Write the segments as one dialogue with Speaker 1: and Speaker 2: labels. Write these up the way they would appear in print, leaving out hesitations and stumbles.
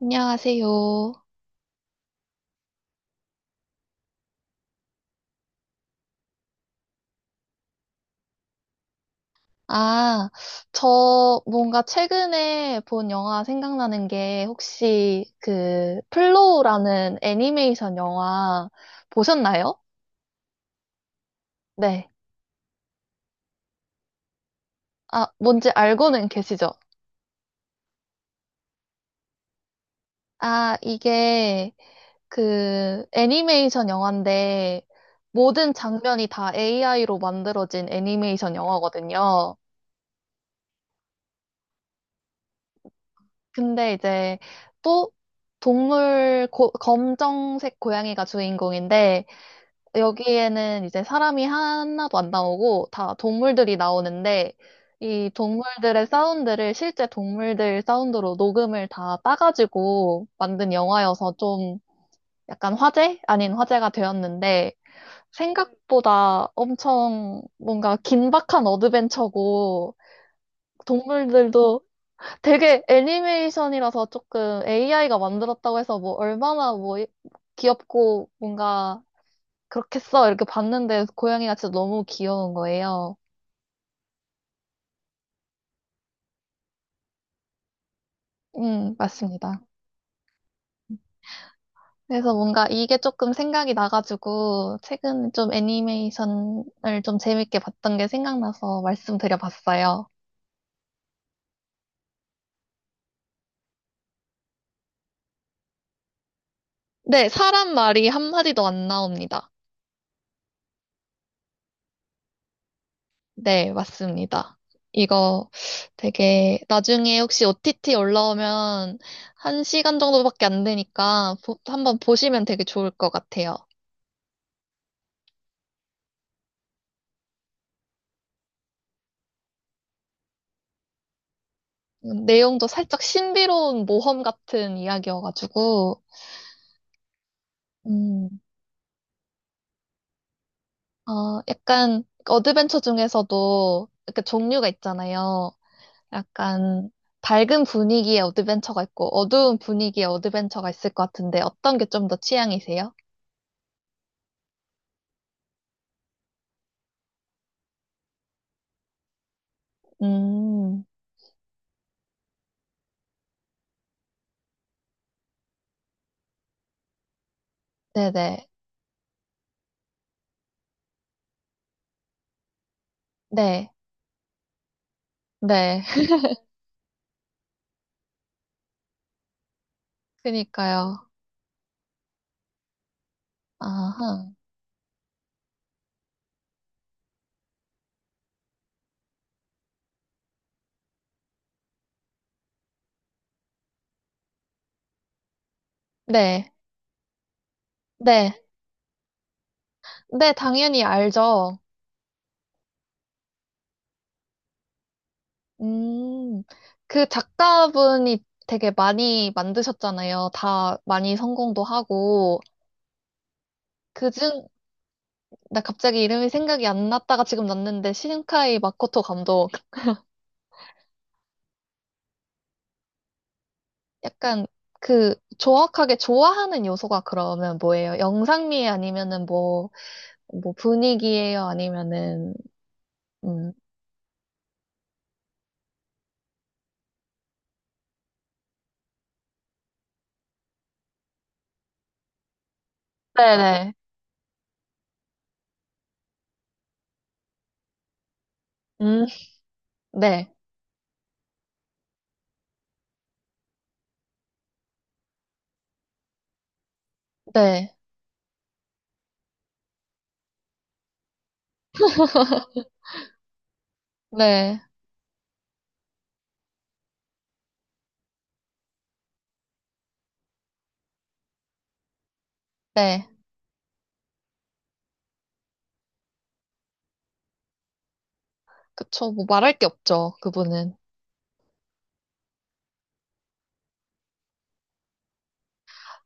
Speaker 1: 안녕하세요. 아, 저 뭔가 최근에 본 영화 생각나는 게 혹시 그 플로우라는 애니메이션 영화 보셨나요? 네. 아, 뭔지 알고는 계시죠? 아, 이게 그 애니메이션 영화인데 모든 장면이 다 AI로 만들어진 애니메이션 영화거든요. 근데 이제 또 동물 검정색 고양이가 주인공인데 여기에는 이제 사람이 하나도 안 나오고 다 동물들이 나오는데 이 동물들의 사운드를 실제 동물들 사운드로 녹음을 다 따가지고 만든 영화여서 좀 약간 화제? 아닌 화제가 되었는데 생각보다 엄청 뭔가 긴박한 어드벤처고 동물들도 되게 애니메이션이라서 조금 AI가 만들었다고 해서 뭐 얼마나 뭐 귀엽고 뭔가 그렇겠어. 이렇게 봤는데 고양이가 진짜 너무 귀여운 거예요. 맞습니다. 그래서 뭔가 이게 조금 생각이 나가지고 최근 좀 애니메이션을 좀 재밌게 봤던 게 생각나서 말씀드려봤어요. 네, 사람 말이 한마디도 안 나옵니다. 네, 맞습니다. 이거 되게 나중에 혹시 OTT 올라오면 한 시간 정도밖에 안 되니까 한번 보시면 되게 좋을 것 같아요. 내용도 살짝 신비로운 모험 같은 이야기여가지고, 음, 어, 약간 어드벤처 중에서도 이렇게 종류가 있잖아요. 약간 밝은 분위기의 어드벤처가 있고, 어두운 분위기의 어드벤처가 있을 것 같은데, 어떤 게 좀 더 취향이세요? 음, 네네. 네, 네. 그니까요. 아하. 네, 네. 네, 당연히 알죠. 음, 그 작가분이 되게 많이 만드셨잖아요. 다 많이 성공도 하고. 그중, 나 갑자기 이름이 생각이 안 났다가 지금 났는데, 신카이 마코토 감독. 약간 그 정확하게 좋아하는 요소가 그러면 뭐예요? 영상미에 아니면은 뭐, 뭐 분위기예요? 아니면은, 음. 네네. 음, 네. 네. 네. 네. 그쵸. 뭐 말할 게 없죠. 그분은.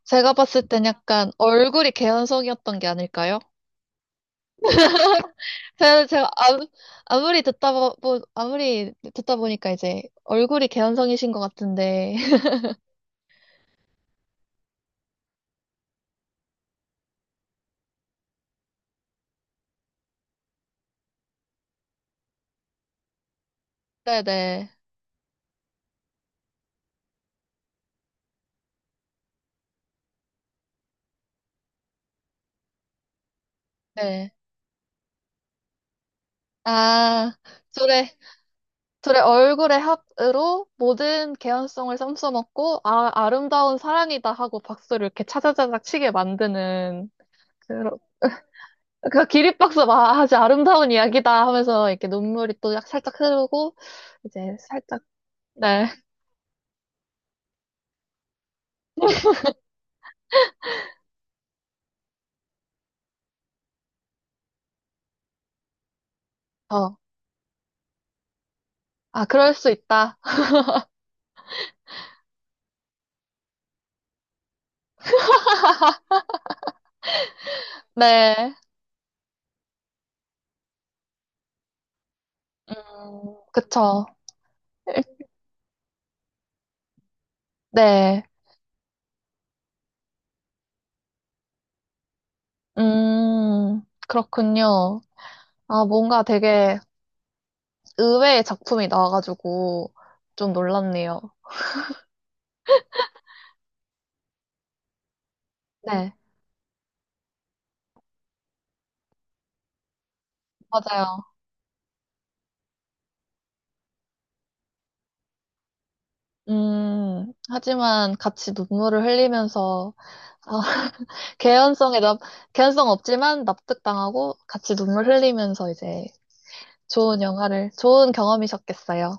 Speaker 1: 제가 봤을 땐 약간 얼굴이 개연성이었던 게 아닐까요? 제가 아, 아무리 듣다 아무리 듣다 보니까 이제 얼굴이 개연성이신 것 같은데. 네네. 네. 아, 둘의, 둘의 얼굴의 합으로 모든 개연성을 썸써먹고, 아, 아름다운 사랑이다 하고 박수를 이렇게 차자자작 치게 만드는, 그런, 그 기립박수 막 아주 아름다운 이야기다 하면서 이렇게 눈물이 또 살짝 흐르고, 이제 살짝, 네. 어. 아, 그럴 수 있다. 네. 음, 그쵸. 네. 그렇군요. 아, 뭔가 되게 의외의 작품이 나와가지고 좀 놀랐네요. 네, 맞아요. 하지만 같이 눈물을 흘리면서, 아, 개연성에 납, 개연성 없지만 납득당하고 같이 눈물 흘리면서 이제 좋은 영화를, 좋은 경험이셨겠어요.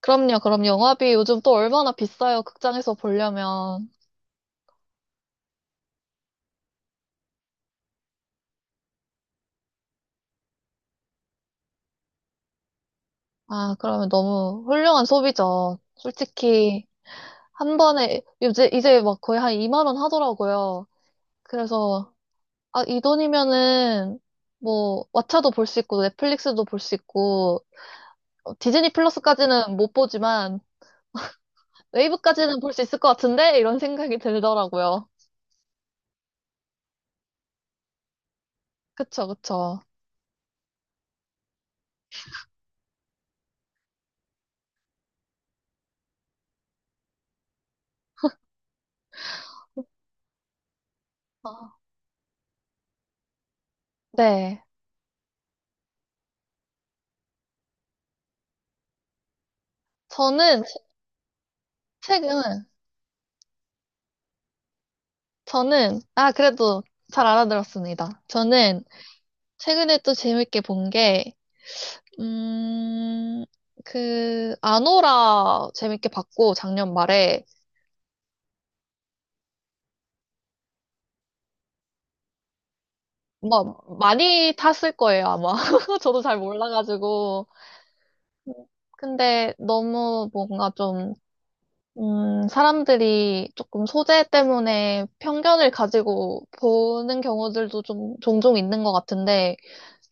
Speaker 1: 그럼요, 그럼 영화비 요즘 또 얼마나 비싸요, 극장에서 보려면. 아, 그러면 너무 훌륭한 소비죠. 솔직히, 한 번에, 이제 막 거의 한 2만 원 하더라고요. 그래서, 아, 이 돈이면은, 뭐, 왓챠도 볼 수 있고, 넷플릭스도 볼 수 있고, 어, 디즈니 플러스까지는 못 보지만, 웨이브까지는 볼 수 있을 것 같은데? 이런 생각이 들더라고요. 그쵸, 그쵸. 아, 네. 저는, 최근, 저는, 아, 그래도 잘 알아들었습니다. 저는 최근에 또 재밌게 본 게, 음, 그, 아노라 재밌게 봤고, 작년 말에. 뭐, 많이 탔을 거예요, 아마. 저도 잘 몰라가지고. 근데 너무 뭔가 좀, 사람들이 조금 소재 때문에 편견을 가지고 보는 경우들도 좀 종종 있는 것 같은데,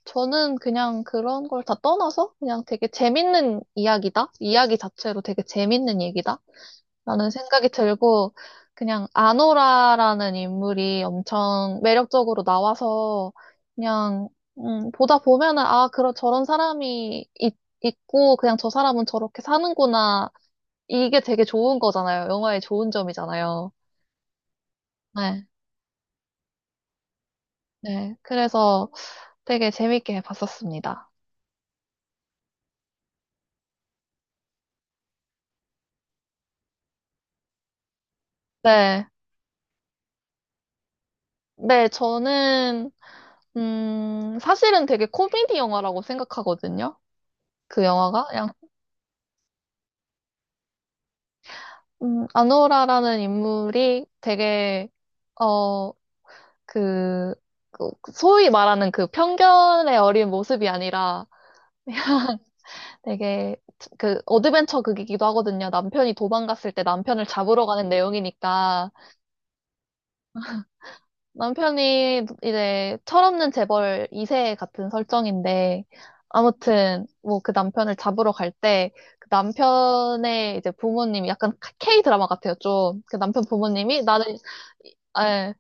Speaker 1: 저는 그냥 그런 걸 다 떠나서 그냥 되게 재밌는 이야기다? 이야기 자체로 되게 재밌는 얘기다? 라는 생각이 들고, 그냥 아노라라는 인물이 엄청 매력적으로 나와서, 그냥, 보다 보면은, 아, 그런, 저런 사람이 있고, 그냥 저 사람은 저렇게 사는구나. 이게 되게 좋은 거잖아요. 영화의 좋은 점이잖아요. 네, 네. 그래서 되게 재밌게 봤었습니다. 네, 네, 저는, 사실은 되게 코미디 영화라고 생각하거든요. 그 영화가. 그냥 아노라라는 인물이 되게, 어, 그, 그 소위 말하는 그 편견에 어린 모습이 아니라 되게 그 어드벤처 극이기도 하거든요. 남편이 도망갔을 때 남편을 잡으러 가는 내용이니까 남편이 이제 철없는 재벌 2세 같은 설정인데 아무튼 뭐 그 남편을 잡으러 갈 때 그 남편의 이제 부모님이 약간 K 드라마 같아요, 좀. 그 남편 부모님이 나는 예,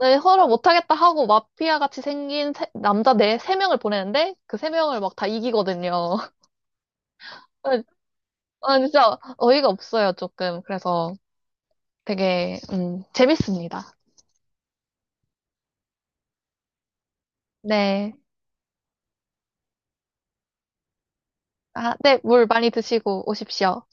Speaker 1: 네, 서로 못하겠다 하고 마피아 같이 생긴 남자 네, 세 명을 보내는데 그 세 명을 막 다 이기거든요. 아, 아, 진짜 어이가 없어요, 조금. 그래서 되게, 재밌습니다. 네. 아, 네, 물 많이 드시고 오십시오.